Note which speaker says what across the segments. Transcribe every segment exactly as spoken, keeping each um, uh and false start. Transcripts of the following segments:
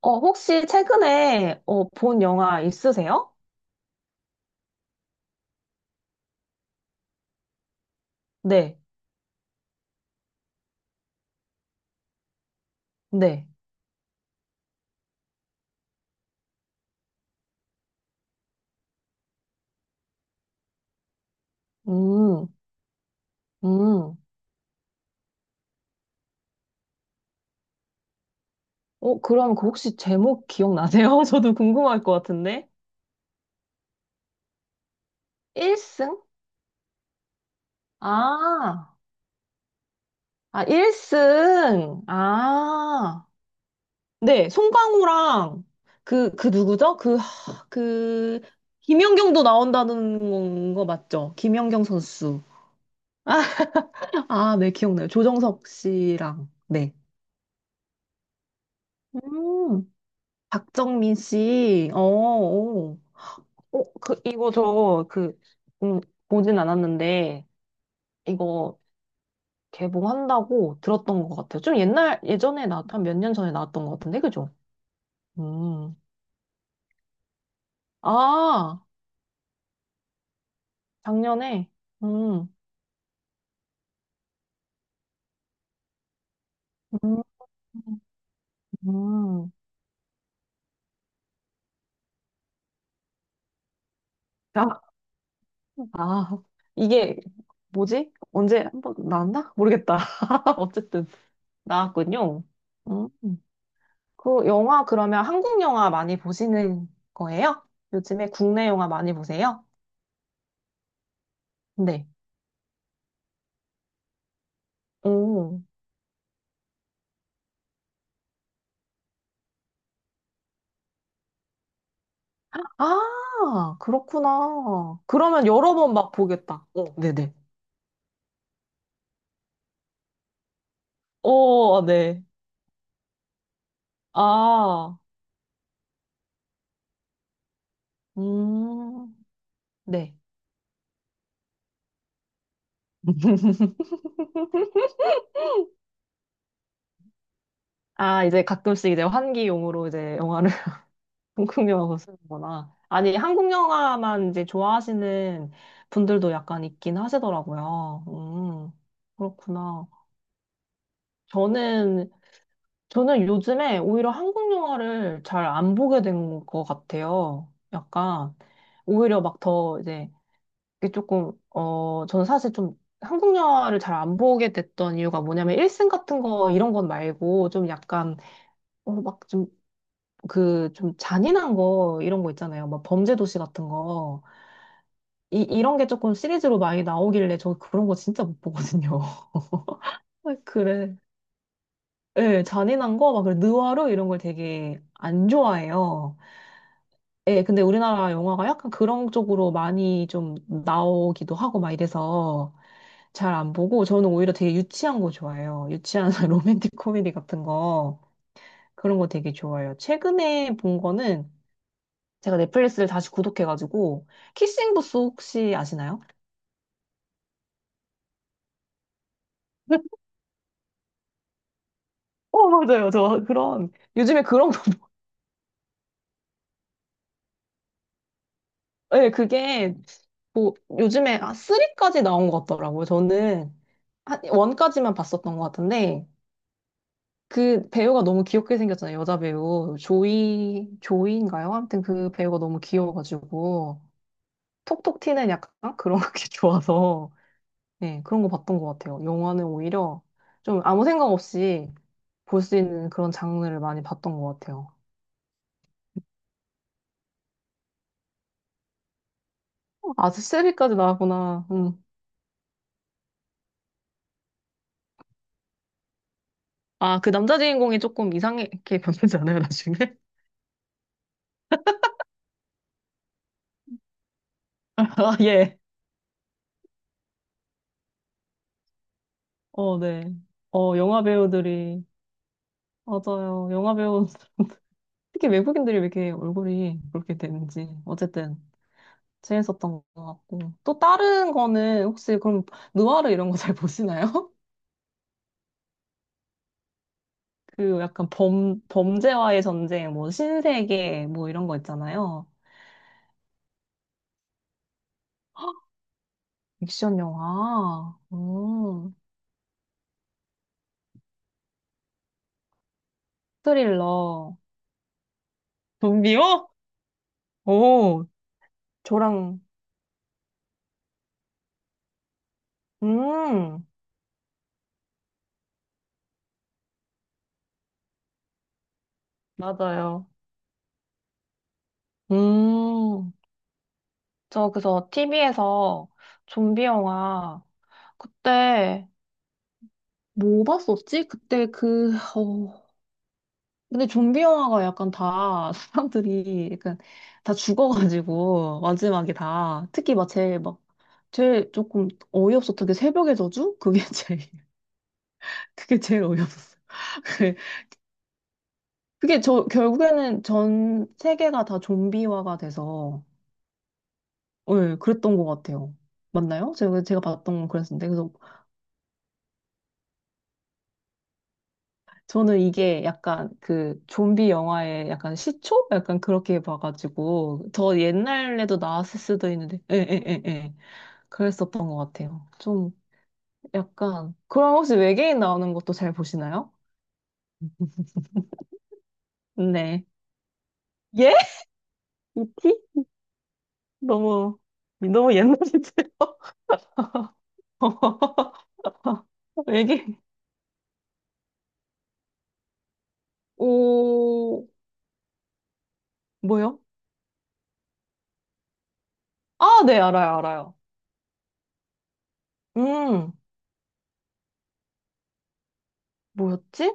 Speaker 1: 어, 혹시 최근에 어, 본 영화 있으세요? 네, 네. 음. 음. 어, 그럼 그 혹시 제목 기억나세요? 저도 궁금할 것 같은데. 일 승? 아, 아, 일 승. 아, 네. 송강호랑 그, 그 누구죠? 그, 하, 그, 김연경도 나온다는 거 맞죠? 김연경 선수. 아, 네, 기억나요. 조정석 씨랑. 네. 음. 박정민 씨, 어, 어, 어, 그, 이거 저, 그, 음, 보진 않았는데, 이거 개봉한다고 들었던 것 같아요. 좀 옛날, 예전에 나왔던, 몇 년 전에 나왔던 것 같은데, 그죠? 음. 아, 작년에, 음, 음, 음. 아, 아, 이게, 뭐지? 언제 한번 나왔나? 모르겠다. 어쨌든, 나왔군요. 음. 그 영화 그러면 한국 영화 많이 보시는 거예요? 요즘에 국내 영화 많이 보세요? 네. 오. 아, 그렇구나. 그러면 여러 번 막 보겠다. 어, 네네. 오, 네. 아, 음, 네. 아, 이제 가끔씩 이제 환기용으로 이제 영화를 한국 영화로 쓰는구나. 아니, 한국 영화만 이제 좋아하시는 분들도 약간 있긴 하시더라고요. 음, 그렇구나. 저는 저는 요즘에 오히려 한국 영화를 잘 안 보게 된 것 같아요. 약간, 오히려 막 더 이제, 이게 조금, 어, 저는 사실 좀 한국 영화를 잘 안 보게 됐던 이유가 뭐냐면, 일생 같은 거, 이런 건 말고, 좀 약간, 어, 막 좀, 그, 좀 잔인한 거, 이런 거 있잖아요. 막 범죄도시 같은 거. 이, 이런 게 조금 시리즈로 많이 나오길래, 저 그런 거 진짜 못 보거든요. 아, 그래. 예, 잔인한 거, 막, 그 느와르 이런 걸 되게 안 좋아해요. 예, 근데 우리나라 영화가 약간 그런 쪽으로 많이 좀 나오기도 하고 막 이래서 잘 안 보고 저는 오히려 되게 유치한 거 좋아해요. 유치한 로맨틱 코미디 같은 거 그런 거 되게 좋아해요. 최근에 본 거는 제가 넷플릭스를 다시 구독해가지고 키싱 부스 혹시 아시나요? 어, 맞아요. 저 그런 요즘에 그런 거 예, 그게 뭐 요즘에 아, 삼까지 나온 것 같더라고요. 저는 한 일까지만 봤었던 것 같은데 그 배우가 너무 귀엽게 생겼잖아요. 여자 배우. 조이, 조이인가요? 아무튼 그 배우가 너무 귀여워가지고. 톡톡 튀는 약간 그런 게 좋아서. 네, 그런 거 봤던 것 같아요. 영화는 오히려 좀 아무 생각 없이 볼 수 있는 그런 장르를 많이 봤던 것 같아요. 아, 세리까지 나왔구나. 음. 아, 그 남자 주인공이 조금 이상하게 변하지 않아요, 나중에? 아, 예. 어, 네. 어, 영화 배우들이. 맞아요. 영화 배우. 특히 외국인들이 왜 이렇게 얼굴이 그렇게 되는지 어쨌든 재밌었던 것 같고 또 다른 거는 혹시 그럼 느와르 이런 거 잘 보시나요? 그 약간 범 범죄와의 전쟁 뭐 신세계 뭐 이런 거 있잖아요. 액션 영화, 음, 스릴러, 좀비요? 오, 저랑 음 맞아요. 음, 저 그래서 티비에서 좀비 영화 그때 뭐 봤었지? 그때 그, 어, 근데 좀비 영화가 약간 다 사람들이 약간 다 죽어가지고, 마지막에 다. 특히 막 제일 막, 제일 조금 어이없었던 게 새벽의 저주? 그게 제일, 그게 제일 어이없었어요. 그게 그게 저, 결국에는 전 세계가 다 좀비화가 돼서, 예, 그랬던 것 같아요. 맞나요? 제가, 제가 봤던 건 그랬는데. 그래서 저는 이게 약간 그 좀비 영화의 약간 시초? 약간 그렇게 봐가지고 더 옛날에도 나왔을 수도 있는데 에에에예 그랬었던 것 같아요. 좀 약간 그럼 혹시 외계인 나오는 것도 잘 보시나요? 네. 예? 이티? 너무 너무 옛날이세요? 외계인 오 뭐요? 아, 네 알아요 알아요. 음 뭐였지?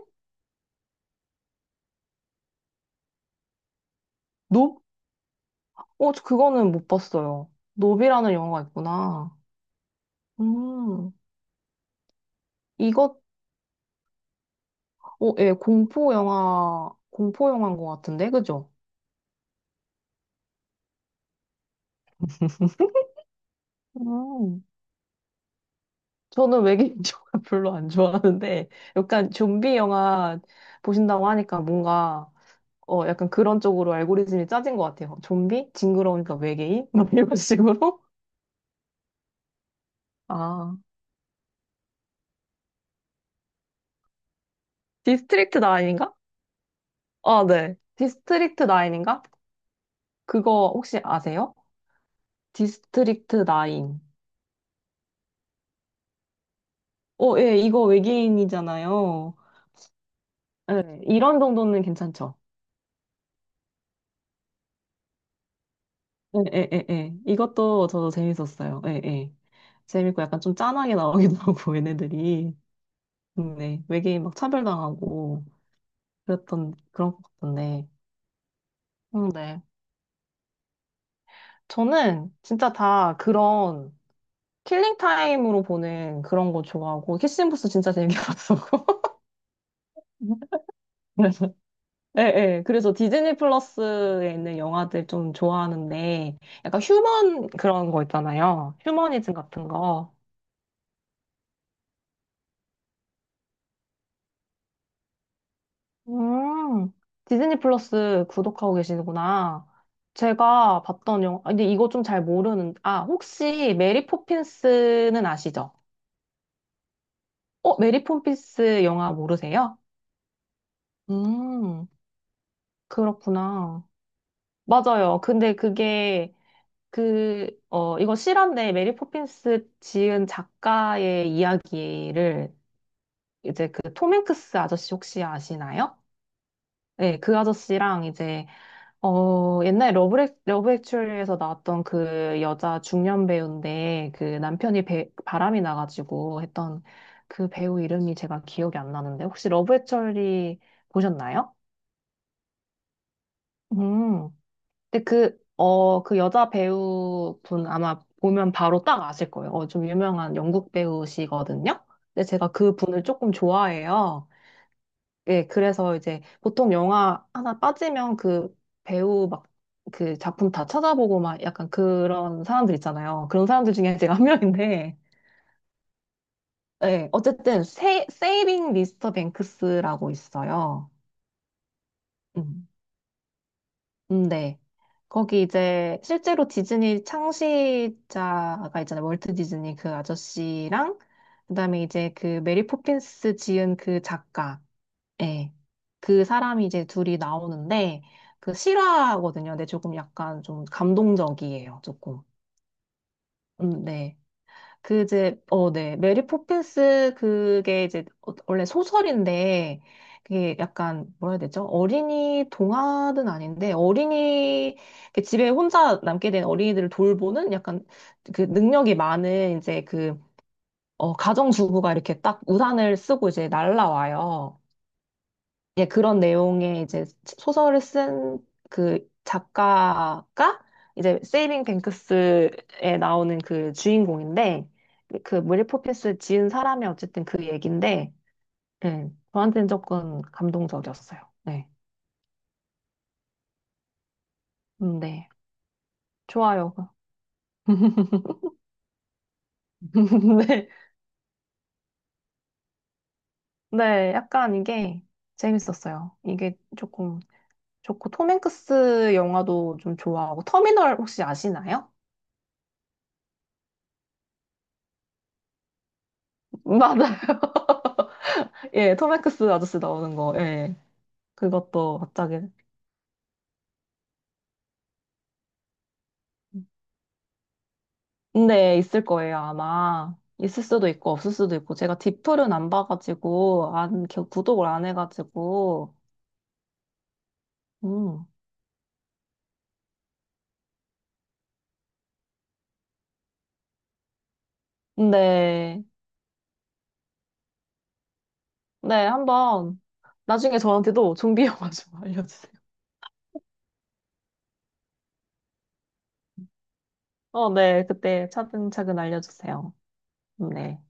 Speaker 1: 노? 어, 저 그거는 못 봤어요. 노비라는 영화가 있구나. 음, 이것, 어, 예, 공포 영화, 공포 영화인 것 같은데, 그죠? 음, 저는 외계인 영화 별로 안 좋아하는데, 약간 좀비 영화 보신다고 하니까 뭔가, 어, 약간 그런 쪽으로 알고리즘이 짜진 것 같아요. 좀비? 징그러우니까 외계인? 막 이런 식으로? 아, 디스트릭트 나인인가 아, 네. 디스트릭트 나인인가 그거 혹시 아세요? 디스트릭트 나인 어, 예, 이거 외계인이잖아요. 예, 이런 정도는 괜찮죠. 에에에에 이것도 저도 재밌었어요. 에에 재밌고 약간 좀 짠하게 나오기도 하고 얘네들이 음, 네 외계인 막 차별당하고 그랬던 그런 것 같던데. 음, 네. 저는 진짜 다 그런 킬링 타임으로 보는 그런 거 좋아하고 키싱부스 진짜 재밌게 봤었고. 그래서 예, 예. 그래서 디즈니 플러스에 있는 영화들 좀 좋아하는데 약간 휴먼 그런 거 있잖아요. 휴머니즘 같은 거. 음, 디즈니 플러스 구독하고 계시는구나. 제가 봤던 영화, 아, 근데 이거 좀 잘 모르는, 아, 혹시 메리 포핀스는 아시죠? 어, 메리 포핀스 영화 모르세요? 음, 그렇구나. 맞아요. 근데 그게, 그, 어, 이거 실화인데 메리 포핀스 지은 작가의 이야기를 이제 그 톰 행크스 아저씨 혹시 아시나요? 네, 그 아저씨랑 이제 어, 옛날에 러브, 액, 러브 액츄얼리에서 나왔던 그 여자 중년 배우인데 그 남편이 배, 바람이 나가지고 했던 그 배우 이름이 제가 기억이 안 나는데 혹시 러브 액츄얼리 보셨나요? 음. 근데 그, 어, 그 여자 배우분 아마 보면 바로 딱 아실 거예요. 어, 좀 유명한 영국 배우시거든요. 근데 제가 그 분을 조금 좋아해요. 예, 그래서 이제 보통 영화 하나 빠지면 그 배우 막 그 작품 다 찾아보고 막 약간 그런 사람들 있잖아요. 그런 사람들 중에 제가 한 명인데, 예, 어쨌든 세, 세이빙 미스터 뱅크스라고 있어요. 음, 음, 네. 거기 이제 실제로 디즈니 창시자가 있잖아요. 월트 디즈니 그 아저씨랑 그다음에 이제 그 메리 포핀스 지은 그 작가 예. 그 사람이 이제 둘이 나오는데 그 실화거든요. 근데 조금 약간 좀 감동적이에요. 조금. 음, 네. 그 이제 어, 네. 메리 포핀스 그게 이제 어- 원래 소설인데 그게 약간 뭐라 해야 되죠? 어린이 동화는 아닌데 어린이 그 집에 혼자 남게 된 어린이들을 돌보는 약간 그 능력이 많은 이제 그 어, 가정주부가 이렇게 딱 우산을 쓰고 이제 날라와요. 예, 그런 내용의 이제 소설을 쓴 그 작가가 이제 세이빙 뱅크스에 나오는 그 주인공인데 그 메리 포핀스 지은 사람이 어쨌든 그 얘긴데 예, 저한테는 조금 감동적이었어요. 네. 음, 네. 좋아요. 네. 네. 약간 이게 재밌었어요. 이게 조금 좋고 톰 행크스 영화도 좀 좋아하고 터미널 혹시 아시나요? 맞아요. 예, 톰 행크스 아저씨 나오는 거. 예. 그것도 갑자기. 근데 있을 거예요, 아마. 있을 수도 있고, 없을 수도 있고. 제가 디플은 안 봐가지고, 안, 겨- 구독을 안 해가지고. 음. 근데, 네, 한번, 나중에 저한테도 좀비 영화 좀 알려주세요. 어, 네, 그때 차근차근 알려주세요. 네.